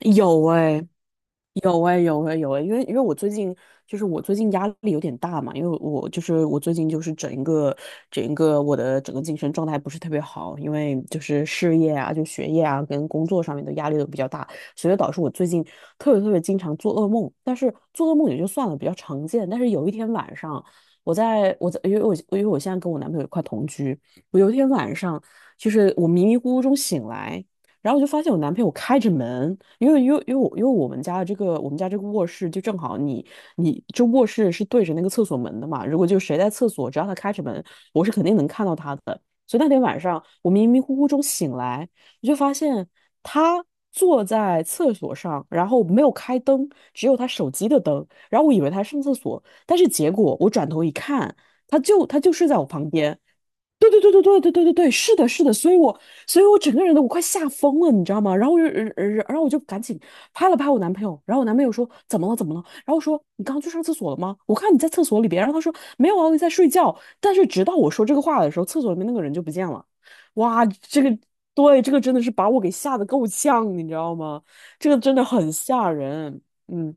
有哎、有哎、有哎、有哎、因为我最近就是我最近压力有点大嘛，因为我就是我最近就是整一个我的整个精神状态不是特别好，因为就是事业啊、就学业啊跟工作上面的压力都比较大，所以导致我最近特别特别经常做噩梦。但是做噩梦也就算了，比较常见。但是有一天晚上，我在我在因为因为我现在跟我男朋友一块同居，我有一天晚上就是我迷迷糊糊中醒来。然后我就发现我男朋友开着门，因为因为我们家这个卧室就正好你这卧室是对着那个厕所门的嘛，如果就谁在厕所，只要他开着门，我是肯定能看到他的。所以那天晚上我迷迷糊糊中醒来，我就发现他坐在厕所上，然后没有开灯，只有他手机的灯，然后我以为他上厕所，但是结果我转头一看，他就睡在我旁边。对对对对对对对对对，是的，是的，所以我整个人都我快吓疯了，你知道吗？然后我就，然后我就赶紧拍了拍我男朋友，然后我男朋友说怎么了怎么了？然后我说你刚刚去上厕所了吗？我看你在厕所里边，然后他说没有啊，我在睡觉。但是直到我说这个话的时候，厕所里面那个人就不见了。哇，这个对这个真的是把我给吓得够呛，你知道吗？这个真的很吓人，嗯。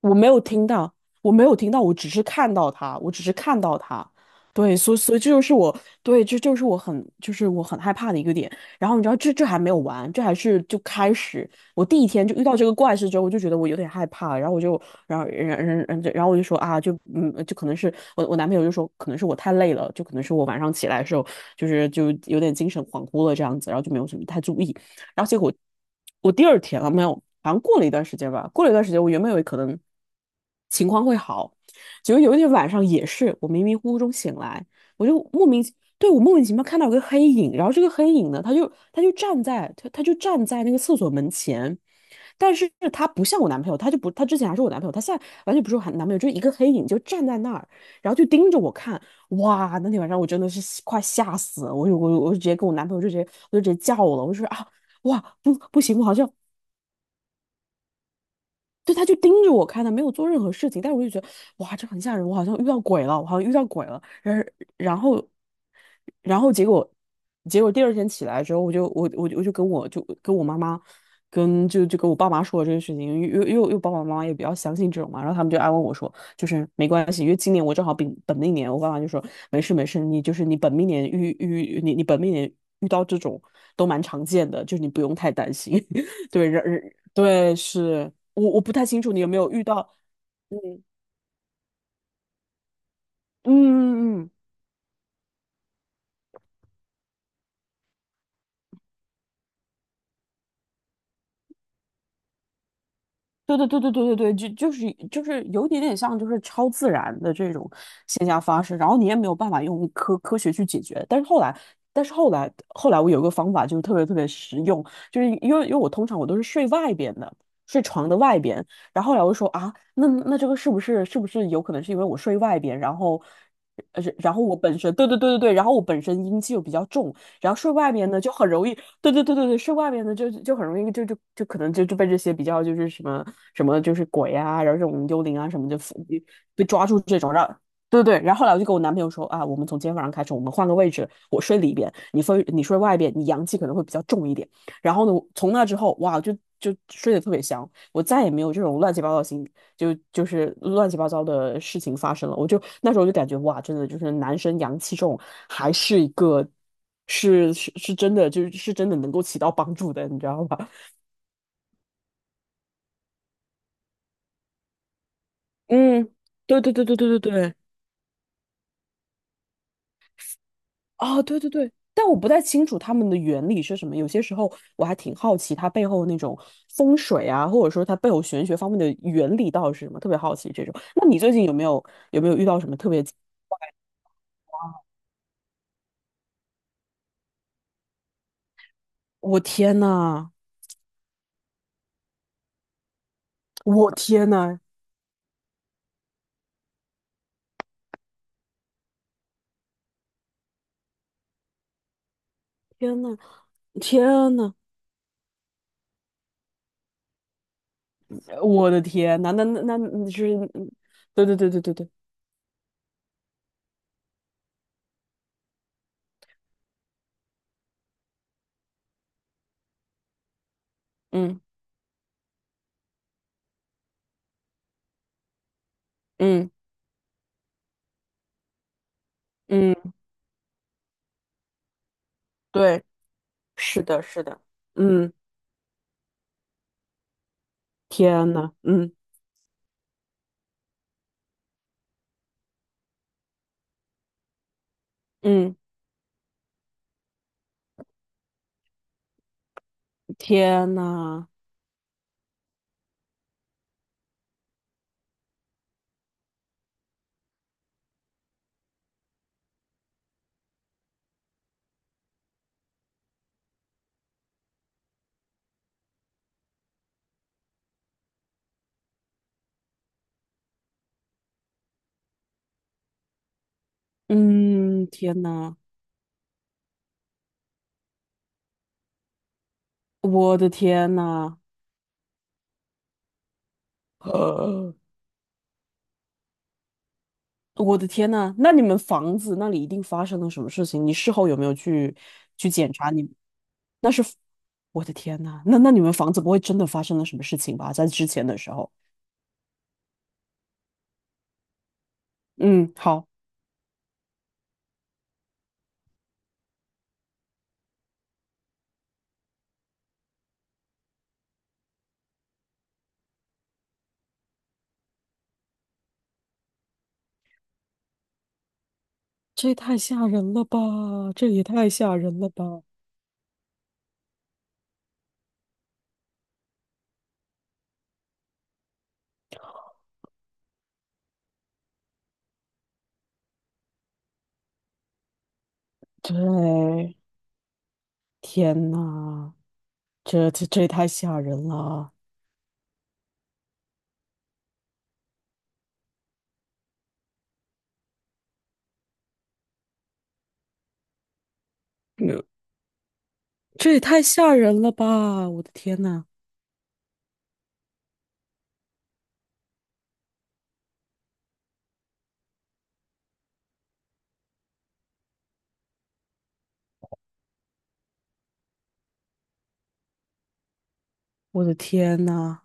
我没有听到，我没有听到，我只是看到他，我只是看到他。对，所以这就是我对，这就是我很害怕的一个点。然后你知道，这还没有完，这还是就开始。我第一天就遇到这个怪事之后，我就觉得我有点害怕，然后我就然后我就说啊，就嗯，就可能是我男朋友就说，可能是我太累了，就可能是我晚上起来的时候就是有点精神恍惚了这样子，然后就没有什么太注意。然后结果我第二天了没有，好像过了一段时间吧，过了一段时间，我原本以为可能情况会好，结果有一天晚上也是，我迷迷糊糊中醒来，我莫名其妙看到有个黑影，然后这个黑影呢，他就站在他就站在那个厕所门前。但是他不像我男朋友，他就不，他之前还是我男朋友，他现在完全不是我男朋友，就是一个黑影就站在那儿，然后就盯着我看。哇，那天晚上我真的是吓快吓死了，我就我就直接跟我男朋友就直接我就直接叫了，我就说啊，哇，不行，我好像对他就盯着我看，他没有做任何事情，但是我就觉得哇，这很吓人，我好像遇到鬼了，我好像遇到鬼了。然后然后然后结果第二天起来之后，我就跟我妈妈跟就就跟我爸妈说了这个事情，因为爸爸妈妈也比较相信这种嘛，然后他们就安慰我说，就是没关系，因为今年我正好本命年，我爸妈就说没事没事，你就是你本命年遇到这种都蛮常见的，就是你不用太担心。对，是我不太清楚你有没有遇到，嗯嗯嗯，对对对对对对对，就是有一点点像就是超自然的这种现象发生，然后你也没有办法用科学去解决。但是后来，但是后来我有个方法就是特别特别实用，就是因为我通常我都是睡外边的，睡床的外边，然后后来我就说啊，那这个是不是有可能是因为我睡外边，然后然后我本身对对对对对，然后我本身阴气又比较重。然后睡外面呢就很容易，对对对对对，睡外面呢就就很容易就就就可能就就被这些比较就是什么什么就是鬼啊，然后这种幽灵啊什么就被抓住这种，让对对对，然后后来我就跟我男朋友说啊，我们从今天晚上开始，我们换个位置，我睡里边，你睡外边，你阳气可能会比较重一点。然后呢，从那之后，哇，就睡得特别香，我再也没有这种乱七八糟的就是乱七八糟的事情发生了。我就那时候就感觉哇，真的就是男生阳气重，还是一个是真的，就是是真的能够起到帮助的，你知道吧？嗯，对对对对对对对，啊，对对对，但我不太清楚他们的原理是什么。有些时候我还挺好奇他背后那种风水啊，或者说他背后玄学方面的原理到底是什么，特别好奇这种。那你最近有没有遇到什么特别？我天呐，我天呐！天呐，天呐，我的天呐，那就是，嗯对对对对对对，嗯嗯嗯，对，是的，是的，嗯，天呐，嗯嗯，天呐，嗯，天呐，我的天呐，呃，我的天呐，那你们房子那里一定发生了什么事情？你事后有没有去检查你？那是，我的天呐，那你们房子不会真的发生了什么事情吧？在之前的时候，嗯，好。这也太吓人了吧！这也太吓人了吧！对，天呐，这也太吓人了！没有这也太吓人了吧！我的天呐，我的天呐，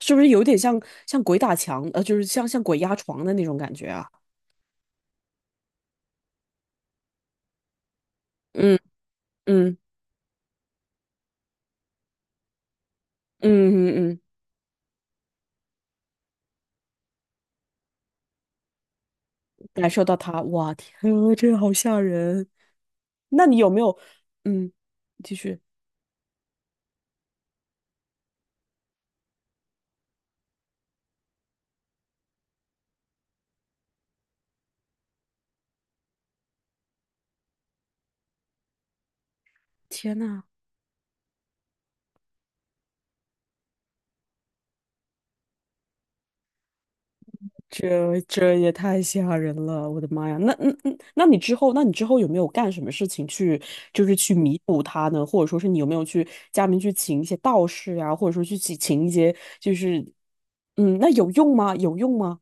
是不是有点像鬼打墙？就是像鬼压床的那种感觉啊？嗯嗯嗯嗯嗯，感受到他，哇，天啊，这个好吓人！那你有没有？嗯，继续。天呐。这也太吓人了，我的妈呀！那你之后，那你之后有没有干什么事情去，就是去弥补他呢？或者说是你有没有去家里面去请一些道士呀、或者说去请一些，就是，嗯，那有用吗？有用吗？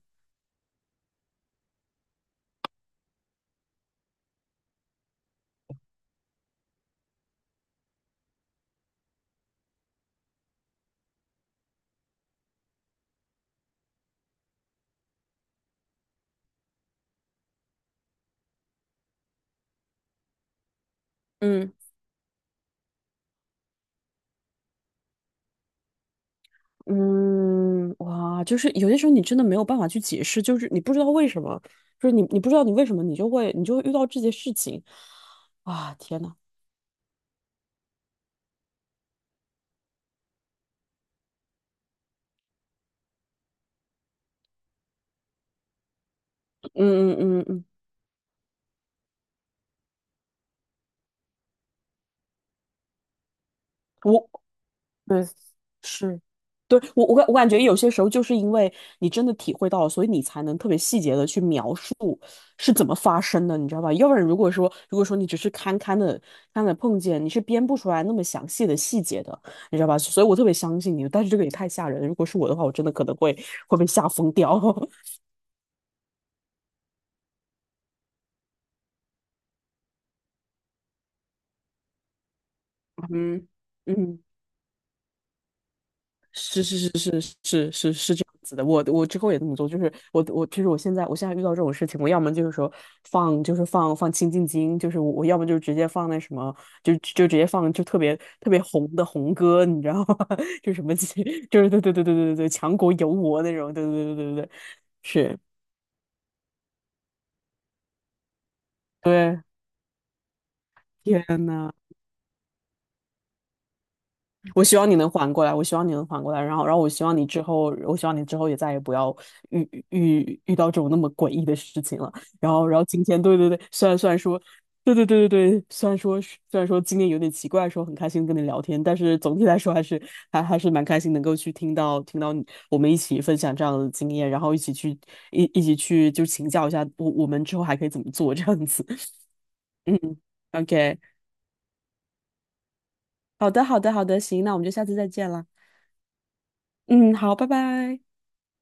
嗯嗯，哇，就是有些时候你真的没有办法去解释，就是你不知道为什么，就是你不知道你为什么，你就会遇到这些事情，啊，天呐，嗯嗯嗯嗯。我。对，是，对，我感觉有些时候就是因为你真的体会到了，所以你才能特别细节的去描述是怎么发生的，你知道吧？要不然如果说你只是堪堪的碰见，你是编不出来那么详细的细节的，你知道吧？所以我特别相信你，但是这个也太吓人了如果是我的话，我真的可能会被吓疯掉。嗯，嗯。是是是是是是是这样子的，我之后也这么做，就是我其实我现在遇到这种事情，我要么就是说放就是放清静音，就是我要么就直接放那什么，就直接放就特别特别红的红歌，你知道吗？就什么 就是对对对对对对对，强国有我那种，对对对对对对，是，对，天呐。我希望你能缓过来，我希望你能缓过来，然后，然后我希望你之后，我希望你之后也再也不要遇到这种那么诡异的事情了。然后，然后今天，对对对，虽然说，对对对对对，虽然说今天有点奇怪，说很开心跟你聊天，但是总体来说还是还是蛮开心能够去听到你我们一起分享这样的经验，然后一起去一起去就请教一下我们之后还可以怎么做这样子。嗯，OK，好的好的好的，行，那我们就下次再见了。嗯，好，拜拜。